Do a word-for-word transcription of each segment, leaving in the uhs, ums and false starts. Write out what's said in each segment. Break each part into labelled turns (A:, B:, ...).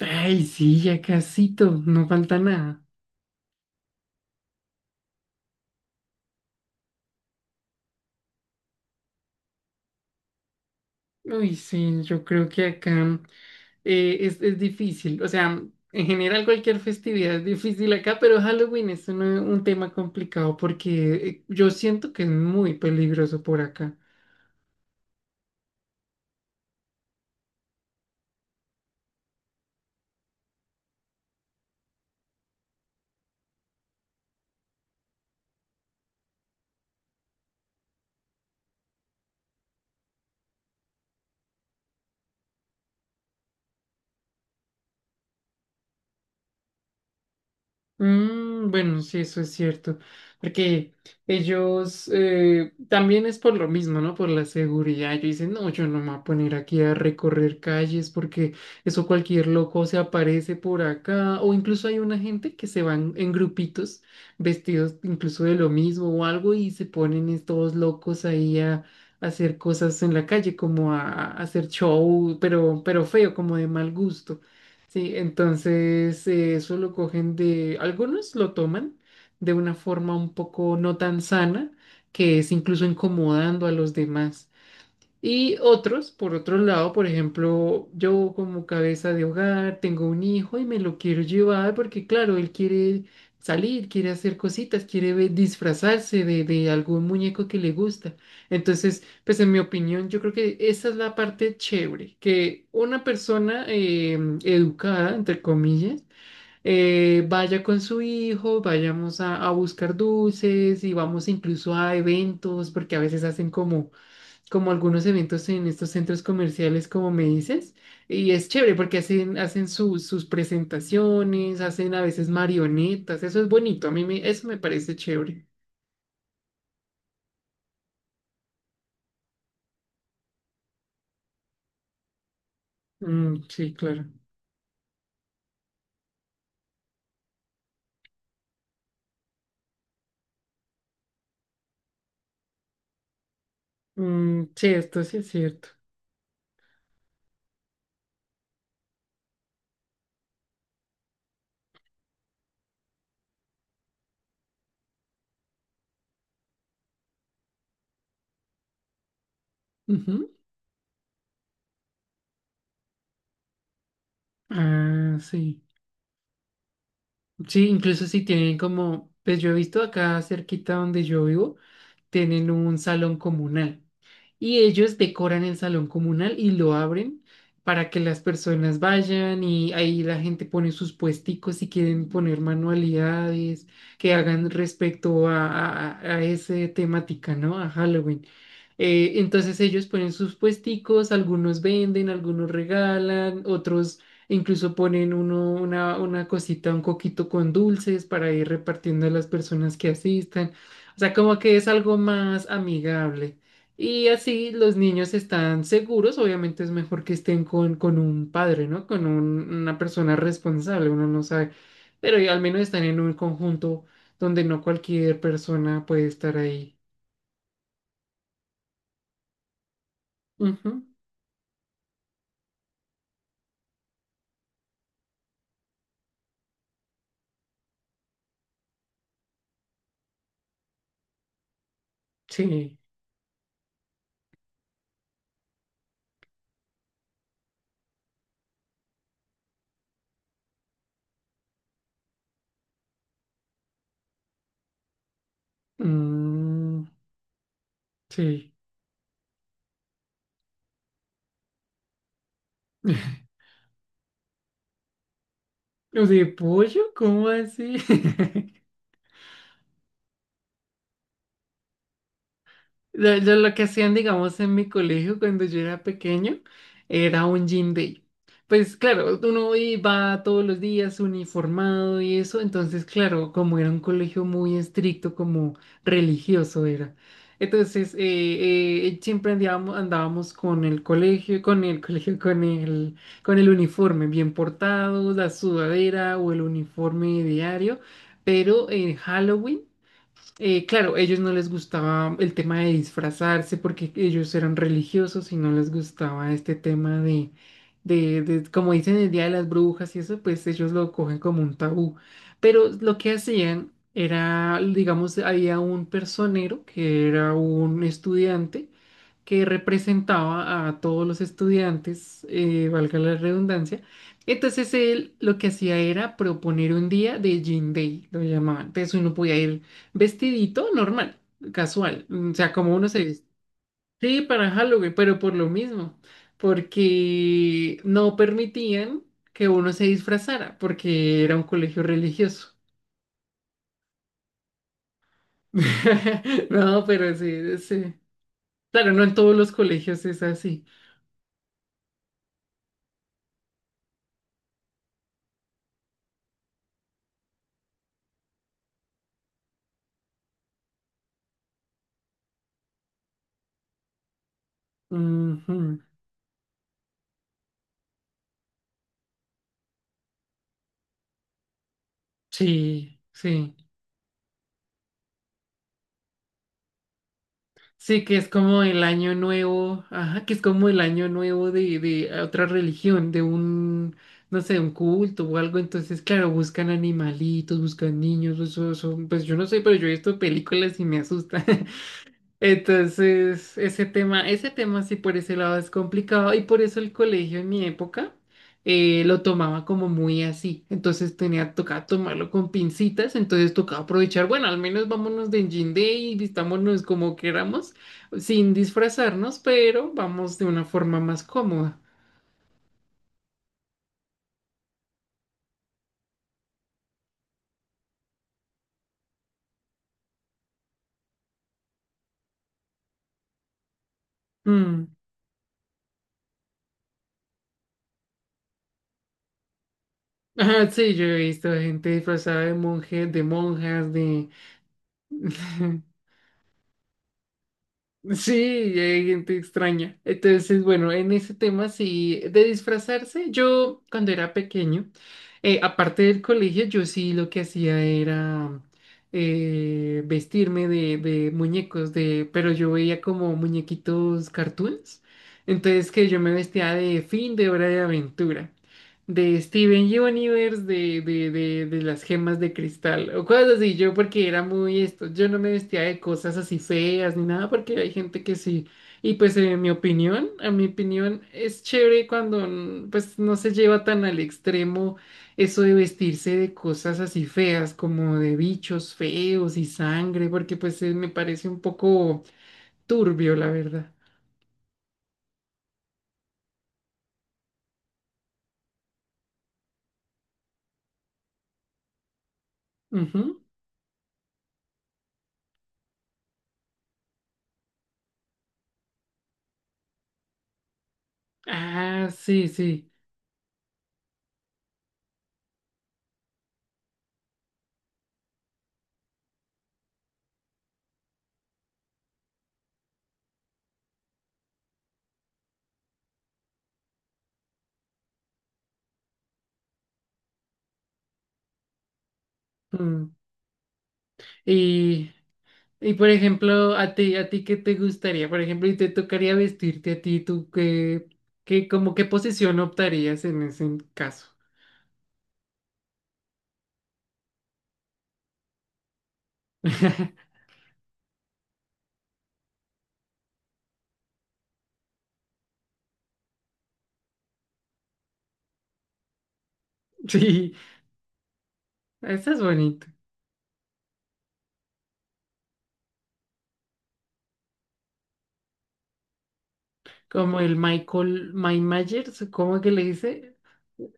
A: Ay, sí, ya casito, no falta nada. Uy, sí, yo creo que acá eh, es, es difícil. O sea, en general cualquier festividad es difícil acá, pero Halloween es un, un tema complicado porque eh, yo siento que es muy peligroso por acá. Mm, bueno, sí, eso es cierto, porque ellos eh, también es por lo mismo, ¿no? Por la seguridad. Yo dicen, no, yo no me voy a poner aquí a recorrer calles porque eso cualquier loco se aparece por acá. O incluso hay una gente que se van en grupitos, vestidos incluso de lo mismo o algo, y se ponen estos locos ahí a, a hacer cosas en la calle, como a, a hacer show, pero, pero feo, como de mal gusto. Sí, entonces eh, eso lo cogen de, algunos lo toman de una forma un poco no tan sana, que es incluso incomodando a los demás. Y otros, por otro lado, por ejemplo, yo como cabeza de hogar tengo un hijo y me lo quiero llevar porque, claro, él quiere salir, quiere hacer cositas, quiere ve- disfrazarse de, de algún muñeco que le gusta. Entonces, pues en mi opinión, yo creo que esa es la parte chévere, que una persona eh, educada, entre comillas, eh, vaya con su hijo, vayamos a, a buscar dulces y vamos incluso a eventos, porque a veces hacen como como algunos eventos en estos centros comerciales, como me dices, y es chévere porque hacen, hacen sus sus presentaciones, hacen a veces marionetas, eso es bonito, a mí me, eso me parece chévere. Mm, sí, claro. Mm, sí, esto sí es cierto. Ujú. Ah, sí. Sí, incluso si tienen como, pues yo he visto acá cerquita donde yo vivo, tienen un salón comunal y ellos decoran el salón comunal y lo abren para que las personas vayan y ahí la gente pone sus puesticos si quieren poner manualidades que hagan respecto a, a, a- a ese temática, ¿no? A Halloween. Eh, entonces ellos ponen sus puesticos, algunos venden, algunos regalan, otros incluso ponen uno, una, una cosita, un coquito con dulces para ir repartiendo a las personas que asistan. O sea, como que es algo más amigable. Y así los niños están seguros. Obviamente es mejor que estén con, con un padre, ¿no? Con un- una persona responsable, uno no sabe. Pero ya al menos están en un conjunto donde no cualquier persona puede estar ahí. Ujú, sí. Mm, sí. ¿De pollo? ¿Cómo así? Yo, yo lo que hacían, digamos, en mi colegio cuando yo era pequeño, era un gym day. Pues claro, uno iba todos los días uniformado y eso, entonces claro, como era un colegio muy estricto, como religioso era. Entonces, eh, eh, siempre andábamos, andábamos con el colegio, con el colegio, con el, con el uniforme bien portado, la sudadera o el uniforme diario, pero en Halloween. Eh, claro, ellos no les gustaba el tema de disfrazarse porque ellos eran religiosos y no les gustaba este tema de, de, de- como dicen el Día de las Brujas y eso, pues ellos lo cogen como un tabú. Pero lo que hacían era, digamos, había un personero que era un estudiante que representaba a todos los estudiantes, eh, valga la redundancia. Entonces él lo que hacía era proponer un día de Jean Day, lo llamaban. Entonces uno podía ir vestidito normal, casual, mm, o sea, como uno se viste. Sí, para Halloween, pero por lo mismo, porque no permitían que uno se disfrazara, porque era un colegio religioso. No, pero sí, sí. Claro, no en todos los colegios es así. Ujú, sí, sí. Sí, que es como el año nuevo, ajá, que es como el año nuevo de, de ah, otra religión, de un, no sé, un culto o algo. Entonces, claro, buscan animalitos, buscan niños, eso, eso, pues yo no sé, pero yo he visto películas y me asusta. Entonces, ese tema, ese tema sí por ese lado es complicado y por eso el colegio en mi época eh, lo tomaba como muy así. Entonces tenía, tocaba tomarlo con pincitas, entonces tocaba aprovechar, bueno, al menos vámonos de Engine Day y vistámonos como queramos, sin disfrazarnos, pero vamos de una forma más cómoda. Mm. Ajá, sí, yo he visto gente disfrazada de monje, de monjas, de... Sí, y hay gente extraña. Entonces, bueno, en ese tema sí, de disfrazarse, yo cuando era pequeño, eh, aparte del colegio, yo sí lo que hacía era eh, vestirme de, de muñecos, de, pero yo veía como muñequitos cartoons. Entonces que yo me vestía de Fin de Hora de Aventura de Steven Universe, de, de, de, de las gemas de cristal, o cosas así, yo porque era muy esto, yo no me vestía de cosas así feas ni nada, porque hay gente que sí, y pues en mi opinión, a mi opinión es chévere cuando mm, pues no se lleva tan al extremo eso de vestirse de cosas así feas, como de bichos feos y sangre, porque pues eh, me parece un poco turbio, la verdad. Ujú. Ah, sí, sí. Mm. Y y por ejemplo, a ti, a ti qué te gustaría, por ejemplo, y te tocaría vestirte a ti, tú qué, qué, como qué posición optarías en ese caso. Sí, eso es bonito. Como el Michael, Mike Myers, ¿cómo que le dice?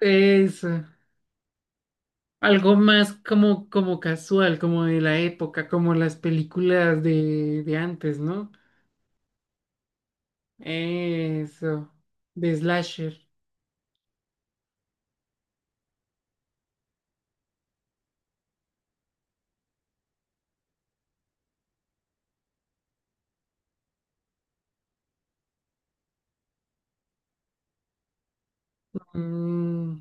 A: Eso. Algo más como, como casual, como de la época, como las películas de, de antes, ¿no? Eso. De slasher. Mm,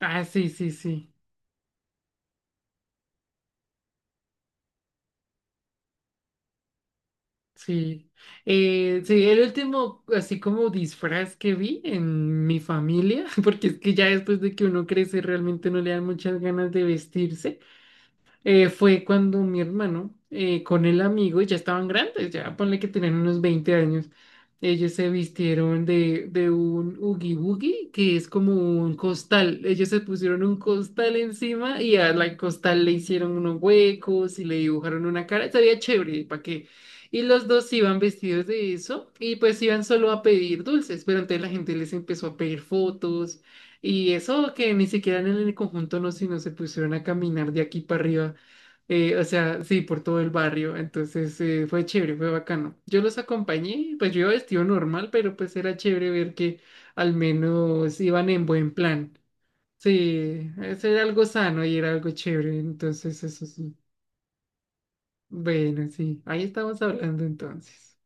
A: ah, sí, sí, sí. Sí, eh, sí, el último, así como disfraz que vi en mi familia, porque es que ya después de que uno crece realmente no le dan muchas ganas de vestirse eh, fue cuando mi hermano eh, con el amigo ya estaban grandes, ya ponle que tenían unos veinte años. Ellos se vistieron de, de un oogie boogie, que es como un costal. Ellos se pusieron un costal encima y a la costal le hicieron unos huecos y le dibujaron una cara. Se veía chévere, ¿para qué? Y los dos iban vestidos de eso y pues iban solo a pedir dulces, pero entonces la gente les empezó a pedir fotos y eso que ni siquiera en el conjunto no, sino se pusieron a caminar de aquí para arriba eh, o sea, sí, por todo el barrio. Entonces eh, fue chévere, fue bacano. Yo los acompañé, pues yo iba vestido normal, pero pues era chévere ver que al menos iban en buen plan. Sí, eso era algo sano y era algo chévere. Entonces, eso sí. Bueno, sí, ahí estamos hablando entonces.